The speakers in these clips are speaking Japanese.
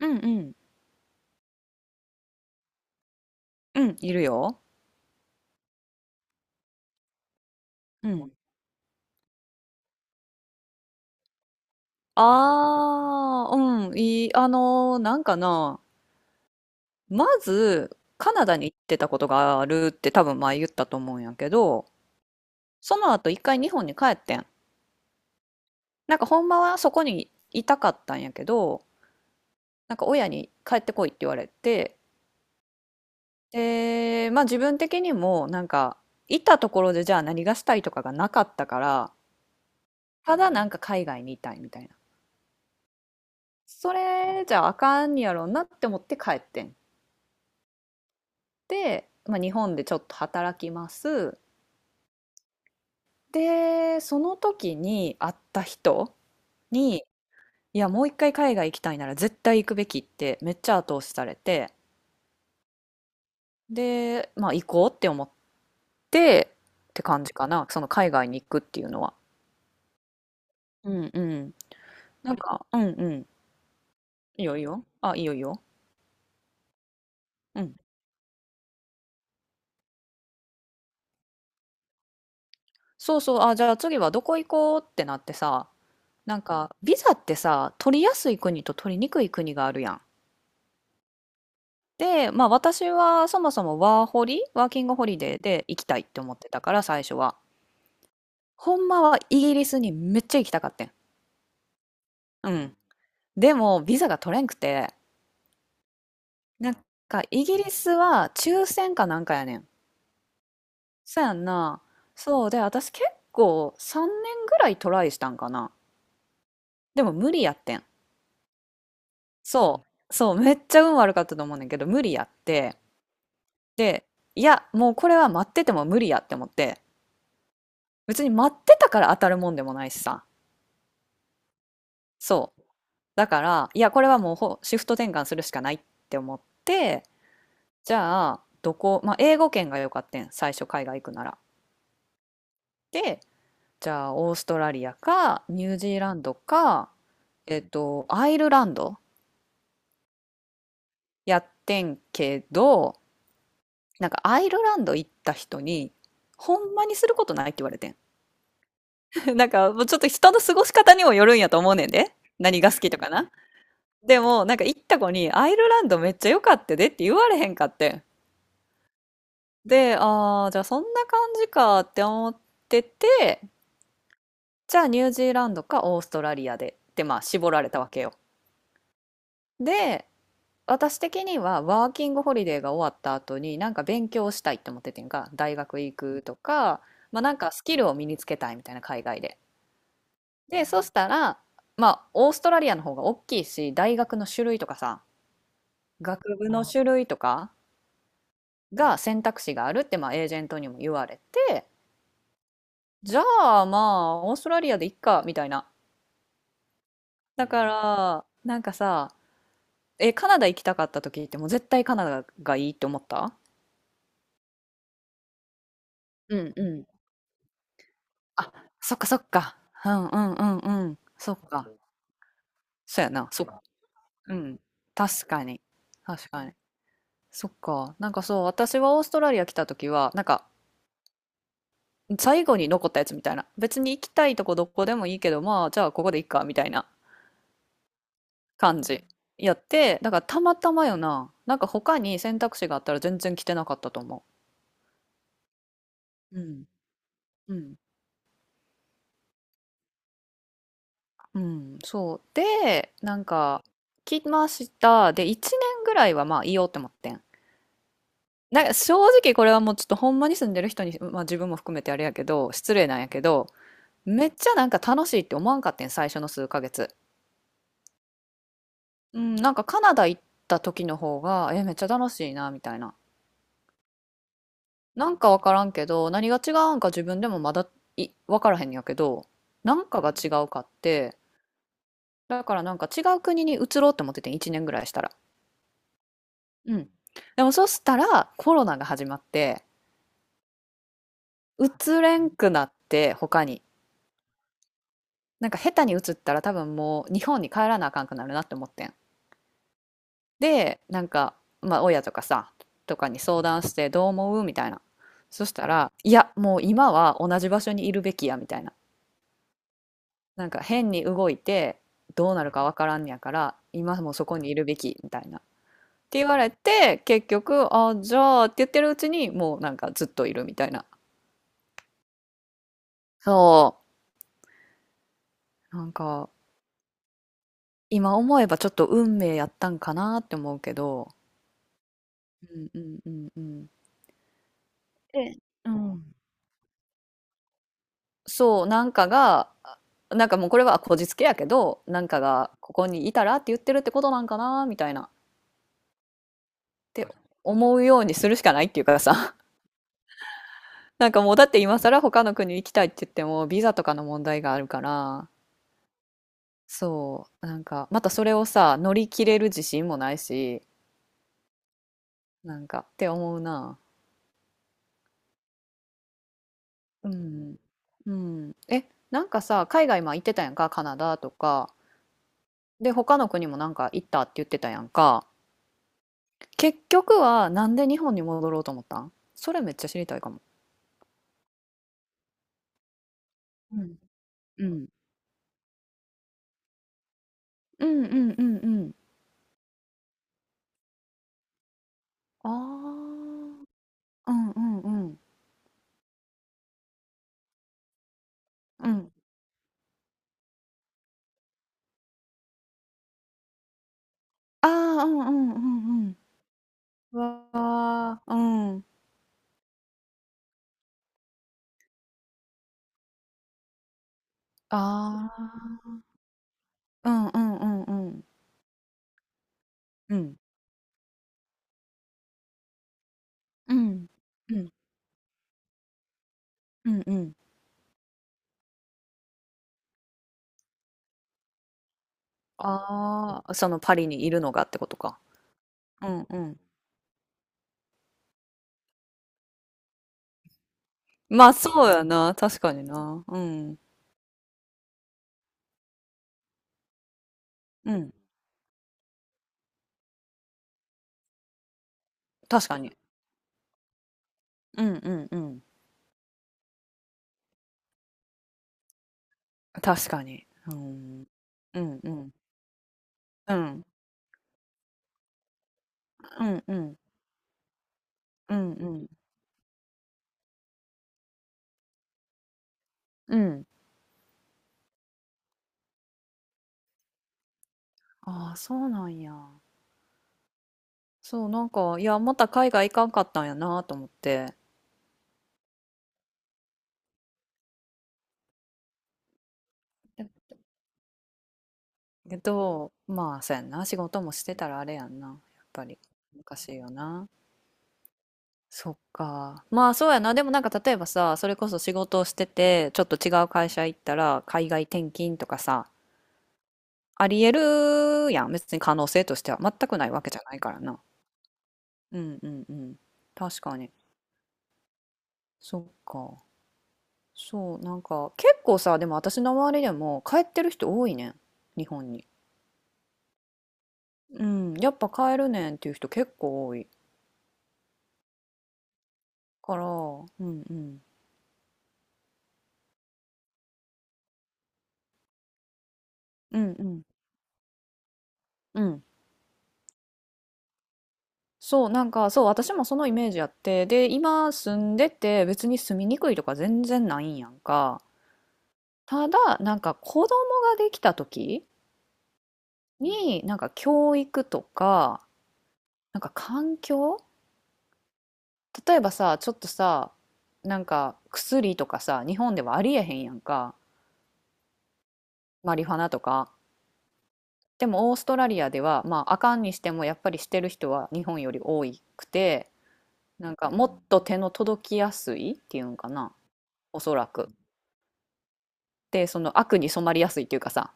うんうん。うん、いるよ。うん。ああ、うん、いい、なんかな、まず、カナダに行ってたことがあるって多分前言ったと思うんやけど、その後一回日本に帰ってん。なんかほんまはそこにいたかったんやけど、なんか親に帰ってこいって言われて、で、まあ自分的にもなんか、いたところでじゃあ何がしたいとかがなかったから、ただなんか海外にいたいみたいな。それじゃああかんやろうなって思って帰ってん。って、まあ、日本でちょっと働きます。でその時に会った人に「いやもう一回海外行きたいなら絶対行くべき」ってめっちゃ後押しされて、で、まあ、行こうって思って、って感じかな、その海外に行くっていうのは。うんうん。なんか、うんうん。いいよいいよ。あ、いいよいいよ。うん。そうそう。あ、じゃあ次はどこ行こうってなってさ、なんか、ビザってさ、取りやすい国と取りにくい国があるやん。で、まあ私はそもそもワーホリ、ワーキングホリデーで行きたいって思ってたから最初は。ほんまはイギリスにめっちゃ行きたかってん。うん。でもビザが取れんくて、なんかイギリスは抽選かなんかやねん。そうやんな。そうで、私結構3年ぐらいトライしたんかな。でも無理やってん。そう。そう、めっちゃ運悪かったと思うねんけど、無理やって。で、いや、もうこれは待ってても無理やって思って、別に待ってたから当たるもんでもないしさ。そう。だから、いや、これはもうシフト転換するしかないって思って、じゃあ、どこ、まあ、英語圏が良かったん、最初海外行くなら。で、じゃあ、オーストラリアか、ニュージーランドか、アイルランドやってんけど、なんかアイルランド行った人に、ほんまにすることないって言われてん。なんか、もうちょっと人の過ごし方にもよるんやと思うねんで。何が好きとかな。でも、なんか行った子に、アイルランドめっちゃ良かったでって言われへんかってん。で、ああ、じゃあそんな感じかって思ってて、じゃあニュージーランドかオーストラリアでってまあ絞られたわけよ。で、私的にはワーキングホリデーが終わった後になんか勉強したいって思っててんか、大学行くとか、まあなんかスキルを身につけたいみたいな、海外で。で、そしたら、まあオーストラリアの方が大きいし、大学の種類とかさ、学部の種類とかが選択肢があるってまあエージェントにも言われて、じゃあまあ、オーストラリアでいっか、みたいな。だから、なんかさ、え、カナダ行きたかった時ってもう絶対カナダがいいって思った。うんうん。あ、そっかそっか。うんうんうんうん。そっか。そうやな。そっか。うん。確かに。確かに。そっか。なんかそう、私はオーストラリア来た時は、なんか、最後に残ったやつみたいな。別に行きたいとこどこでもいいけど、まあ、じゃあここでいっか、みたいな感じやって、だからたまたまよな。なんか他に選択肢があったら全然着てなかったと思う。うん。うん。う。ん、そう。で、なんか、着ました。で、1年ぐらいはまあいようって思ってん。なんか正直これはもうちょっとほんまに住んでる人に、まあ自分も含めてあれやけど、失礼なんやけど、めっちゃなんか楽しいって思わんかってん、最初の数ヶ月。うん、なんかカナダ行った時の方が、え、めっちゃ楽しいな、みたいな。なんかわからんけど、何が違うんか自分でもまだわからへんやけど、なんかが違うかって、だからなんか違う国に移ろうって思っててん、1年ぐらいしたら。うん。でもそしたらコロナが始まって、移れんくなって、他に。なんか下手に移ったら多分もう日本に帰らなあかんくなるなって思ってん。で、なんか、まあ親とかさ、とかに相談してどう思うみたいな。そしたら、いや、もう今は同じ場所にいるべきや、みたいな。なんか変に動いてどうなるかわからんねやから今もそこにいるべきみたいなって言われて、結局あじゃあって言ってるうちにもうなんかずっといるみたいな。そう、なんか今思えばちょっと運命やったんかなって思うけど、うんうんうんうん。で、うん、そう、なんかがなんかもうこれはこじつけやけど、なんかがここにいたらって言ってるってことなんかな、みたいなって思うようにするしかないっていうかさ。なんかもう、だって今更他の国行きたいって言ってもビザとかの問題があるから。そう、なんかまたそれをさ乗り切れる自信もないし、なんかって思うな。うんうん。え、なんかさ、海外今行ってたやんか、カナダとか。で他の国もなんか行ったって言ってたやんか。結局はなんで日本に戻ろうと思ったん？それめっちゃ知りたいかも。うんうんうんうん。うんうん。ああー、うんうんうんうん。ああー、うんうんうんうん。わあ、うん。ああ、うんうんうんうん。うん。うん。うん。うんうん。ああ、そのパリにいるのがってことか。うんうん。まあそうやな、確かにな。うん。うん。確かに。うんうんうん。確かに。うん。うんうん。うん。うんうん。うんうん。うん。ああ、そうなんや。そう、なんか、いや、また海外行かんかったんやなと思って。けど、まあ、そうやんな。仕事もしてたらあれやんな。やっぱり。難しいよな。そっか。まあ、そうやな。でもなんか、例えばさ、それこそ仕事をしてて、ちょっと違う会社行ったら、海外転勤とかさ、ありえるやん。別に可能性としては全くないわけじゃないからな。うんうんうん。確かに。そっか。そう、なんか、結構さ、でも私の周りでも、帰ってる人多いねん。日本に。うん。やっぱ帰るねんっていう人結構多いから、うんうん。うんうん。うん。そう、なんか、そう、私もそのイメージやって、で、今住んでて、別に住みにくいとか全然ないんやんか。ただ、なんか子供ができた時に、なんか教育とか、なんか環境、例えばさ、ちょっとさ、なんか薬とかさ、日本ではありえへんやんか。マリファナとか。でもオーストラリアでは、まあ、あかんにしてもやっぱりしてる人は日本より多くて、なんかもっと手の届きやすいっていうんかな。おそらく。で、その悪に染まりやすいっていうかさ、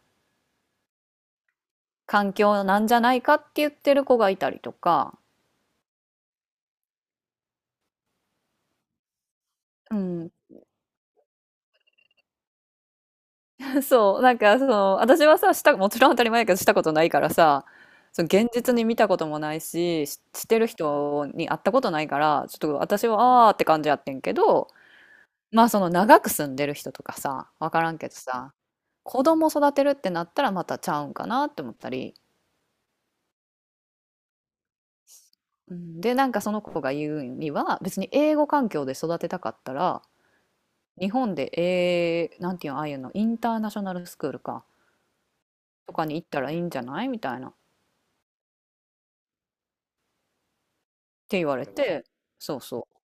環境なんじゃないかって言ってる子がいたりとか、うん、そう、なんかその、私はさ、もちろん当たり前やけどしたことないからさ、その現実に見たこともないし、してる人に会ったことないから、ちょっと私はあーって感じやってんけど、まあその長く住んでる人とかさ、わからんけどさ、子供育てるってなったらまたちゃうんかなって思ったり、うんで、なんかその子が言うには、別に英語環境で育てたかったら、日本で、なんていうの、ああいうの、インターナショナルスクールか、とかに行ったらいいんじゃないみたいな、って言われて、そうそう、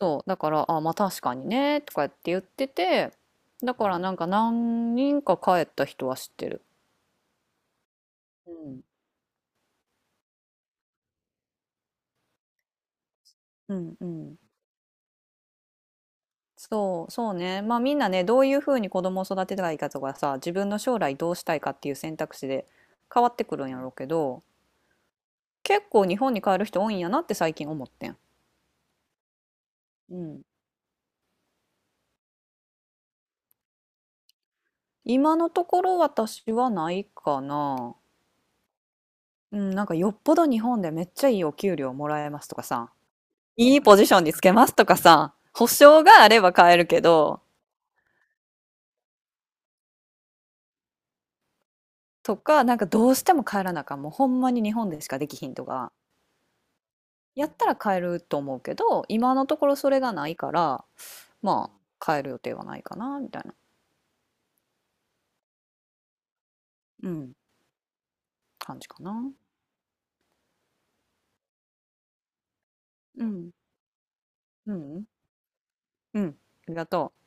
そう、だから、あ、まあ確かにね、とかって言ってて、だからなんか何人か帰った人は知ってる。うん、うんうん。そう、そうね。まあみんなね、どういうふうに子供を育てたらいいかとかさ、自分の将来どうしたいかっていう選択肢で変わってくるんやろうけど、結構日本に帰る人多いんやなって最近思ってん。うん。今のところ私はないかな。うん、なんかよっぽど日本でめっちゃいいお給料もらえますとかさ、いいポジションにつけますとかさ、保証があれば買えるけど、とか、なんかどうしても帰らなあかん、もうほんまに日本でしかできひんとか、やったら買えると思うけど、今のところそれがないから、まあ、買える予定はないかな、みたいな、うん、感じかな。うん、うん、うん、ありがとう。